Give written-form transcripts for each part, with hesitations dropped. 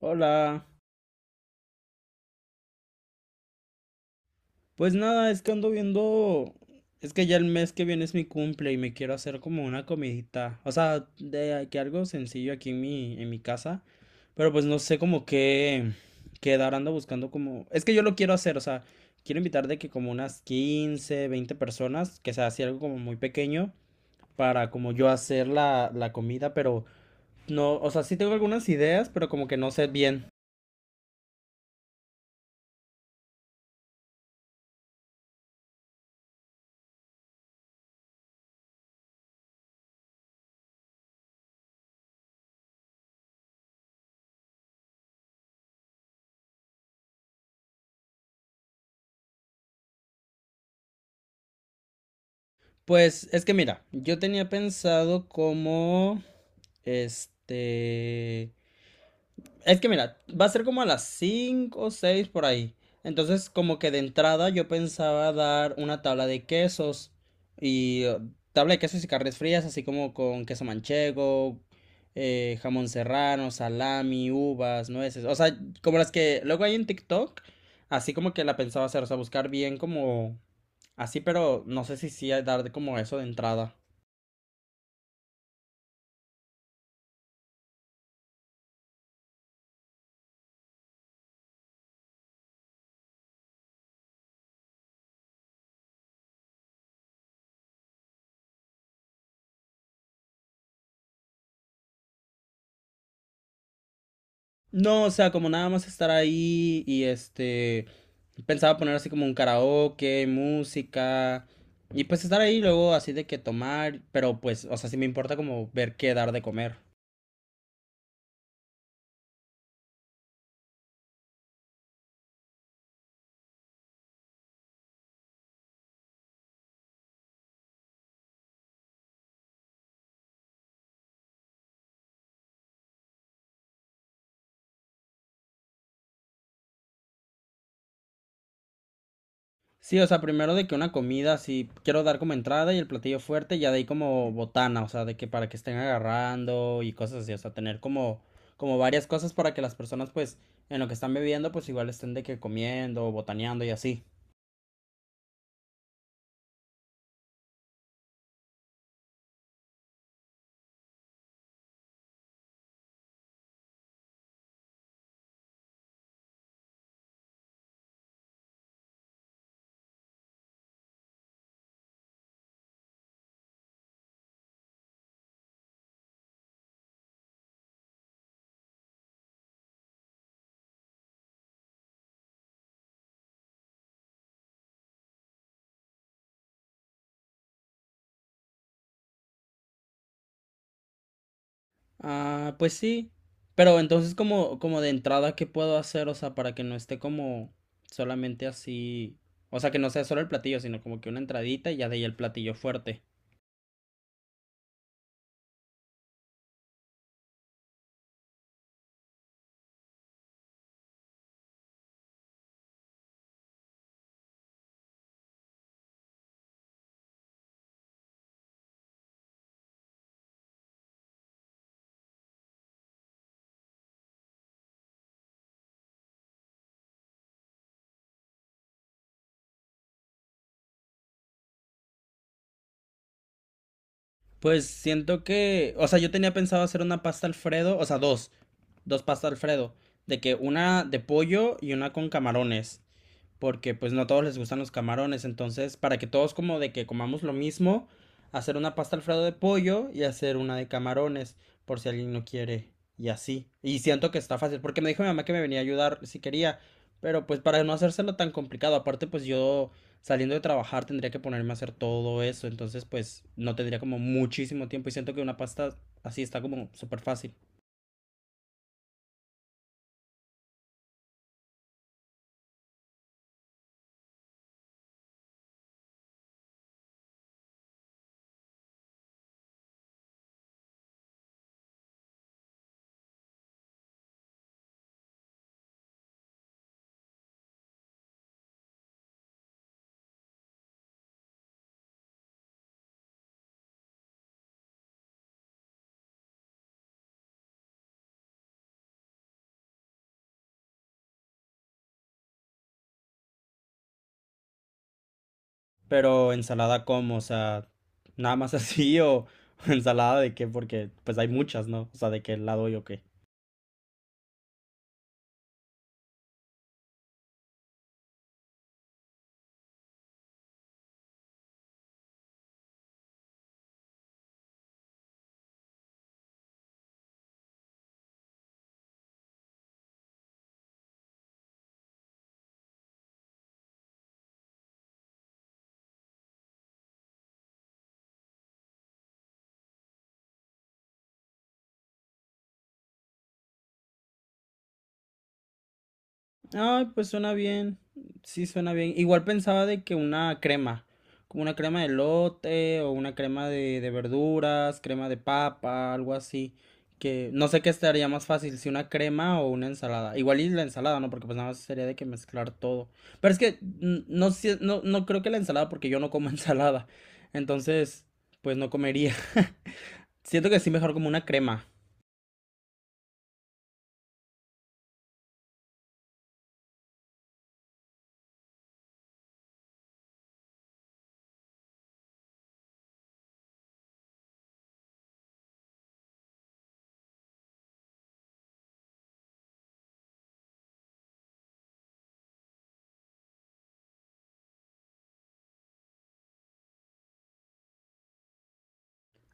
Hola, pues nada, es que ando viendo, es que ya el mes que viene es mi cumple y me quiero hacer como una comidita, o sea, de que algo sencillo aquí en mi casa, pero pues no sé como qué dar, ando buscando como, es que yo lo quiero hacer, o sea, quiero invitar de que como unas 15 20 personas, que sea así algo como muy pequeño, para como yo hacer la comida, pero no, o sea, sí tengo algunas ideas, pero como que no sé bien. Pues es que mira, yo tenía pensado como, este, es que mira, va a ser como a las 5 o 6 por ahí. Entonces, como que de entrada yo pensaba dar una tabla de quesos y tabla de quesos y carnes frías, así como con queso manchego, jamón serrano, salami, uvas, nueces, o sea, como las que luego hay en TikTok, así como que la pensaba hacer, o sea, buscar bien como así, pero no sé si sí dar como eso de entrada. No, o sea, como nada más estar ahí y pensaba poner así como un karaoke, música y pues estar ahí luego así de que tomar, pero pues, o sea, sí me importa como ver qué dar de comer. Sí, o sea, primero de que una comida, sí, quiero dar como entrada y el platillo fuerte, ya de ahí como botana, o sea, de que para que estén agarrando y cosas así, o sea, tener como varias cosas para que las personas pues en lo que están bebiendo pues igual estén de que comiendo, botaneando y así. Ah, pues sí. Pero entonces como, de entrada, ¿qué puedo hacer? O sea, para que no esté como solamente así. O sea, que no sea solo el platillo, sino como que una entradita y ya de ahí el platillo fuerte. Pues siento que, o sea, yo tenía pensado hacer una pasta Alfredo, o sea, dos pasta Alfredo, de que una de pollo y una con camarones. Porque pues no a todos les gustan los camarones, entonces para que todos como de que comamos lo mismo, hacer una pasta alfredo de pollo y hacer una de camarones, por si alguien no quiere y así. Y siento que está fácil, porque me dijo mi mamá que me venía a ayudar si quería, pero pues para no hacérselo tan complicado, aparte pues yo saliendo de trabajar tendría que ponerme a hacer todo eso, entonces pues no tendría como muchísimo tiempo y siento que una pasta así está como súper fácil. Pero ensalada como, o sea, nada más así o ensalada de qué, porque pues hay muchas, ¿no? O sea, de qué lado yo qué. Ay, pues suena bien. Sí, suena bien. Igual pensaba de que una crema, como una crema de lote o una crema de verduras, crema de papa, algo así. Que no sé qué estaría más fácil, si una crema o una ensalada. Igual y la ensalada, ¿no? Porque pues nada más sería de que mezclar todo. Pero es que no, creo que la ensalada, porque yo no como ensalada. Entonces, pues no comería. Siento que sí mejor como una crema.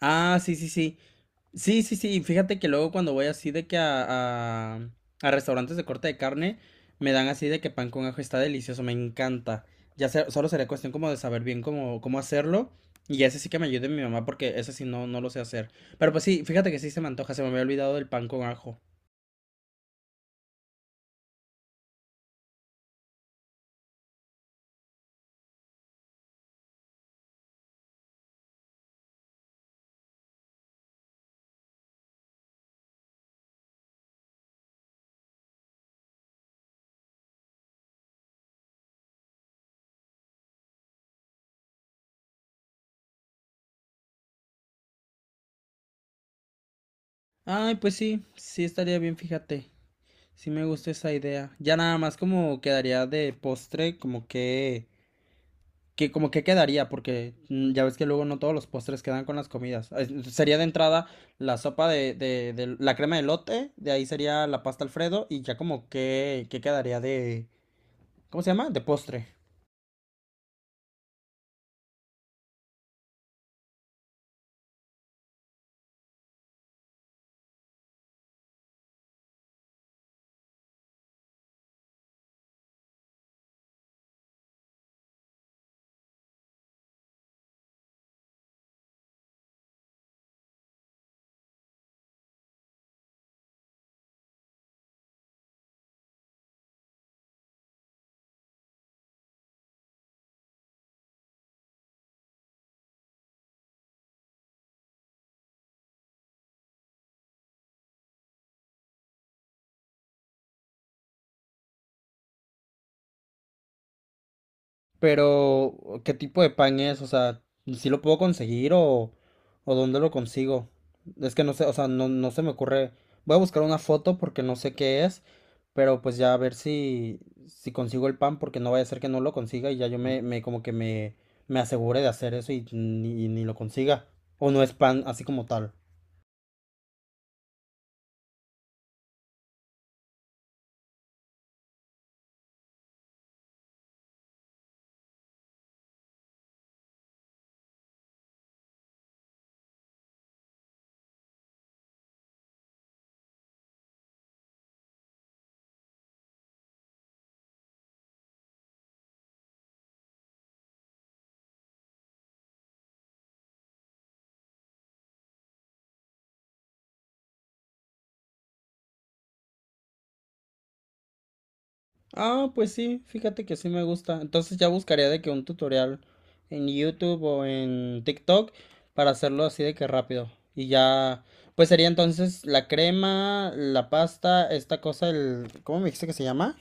Ah, sí, sí, sí. Sí, sí, sí. Fíjate que luego cuando voy así de que a restaurantes de corte de carne, me dan así de que pan con ajo está delicioso, me encanta. Solo sería cuestión como de saber bien cómo hacerlo. Y ese sí que me ayude mi mamá porque ese sí no lo sé hacer. Pero pues sí, fíjate que sí se me antoja, se me había olvidado del pan con ajo. Ay, pues sí, sí estaría bien, fíjate. Sí me gusta esa idea. Ya nada más como quedaría de postre, como que quedaría, porque ya ves que luego no todos los postres quedan con las comidas. Sería de entrada la sopa de la crema de lote, de ahí sería la pasta Alfredo, y ya como que quedaría ¿cómo se llama? De postre. Pero, ¿qué tipo de pan es? ¿O sea, si lo puedo conseguir o dónde lo consigo? Es que no sé, o sea, no se me ocurre. Voy a buscar una foto porque no sé qué es, pero pues ya a ver si consigo el pan porque no vaya a ser que no lo consiga y ya yo me como que me asegure de hacer eso y ni lo consiga. O no es pan así como tal. Ah, pues sí, fíjate que sí me gusta. Entonces ya buscaría de que un tutorial en YouTube o en TikTok para hacerlo así de que rápido. Y ya, pues sería entonces la crema, la pasta, esta cosa, ¿cómo me dijiste que se llama?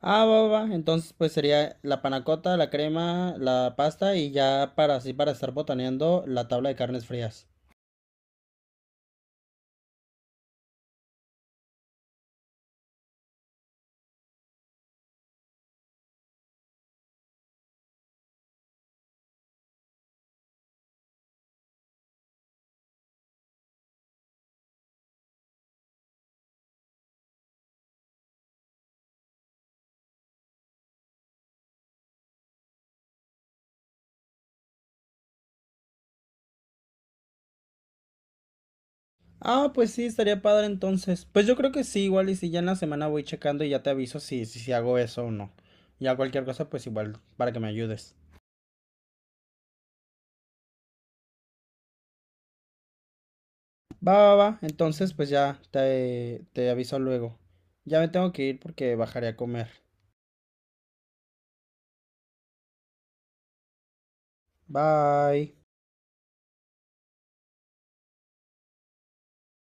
Ah, va, va, va. Entonces pues sería la panacota, la crema, la pasta y ya para así para estar botaneando la tabla de carnes frías. Ah, pues sí, estaría padre entonces. Pues yo creo que sí, igual y si ya en la semana voy checando y ya te aviso si hago eso o no. Ya cualquier cosa, pues igual para que me ayudes. Va, va, va. Entonces, pues ya te aviso luego. Ya me tengo que ir porque bajaré a comer. Bye.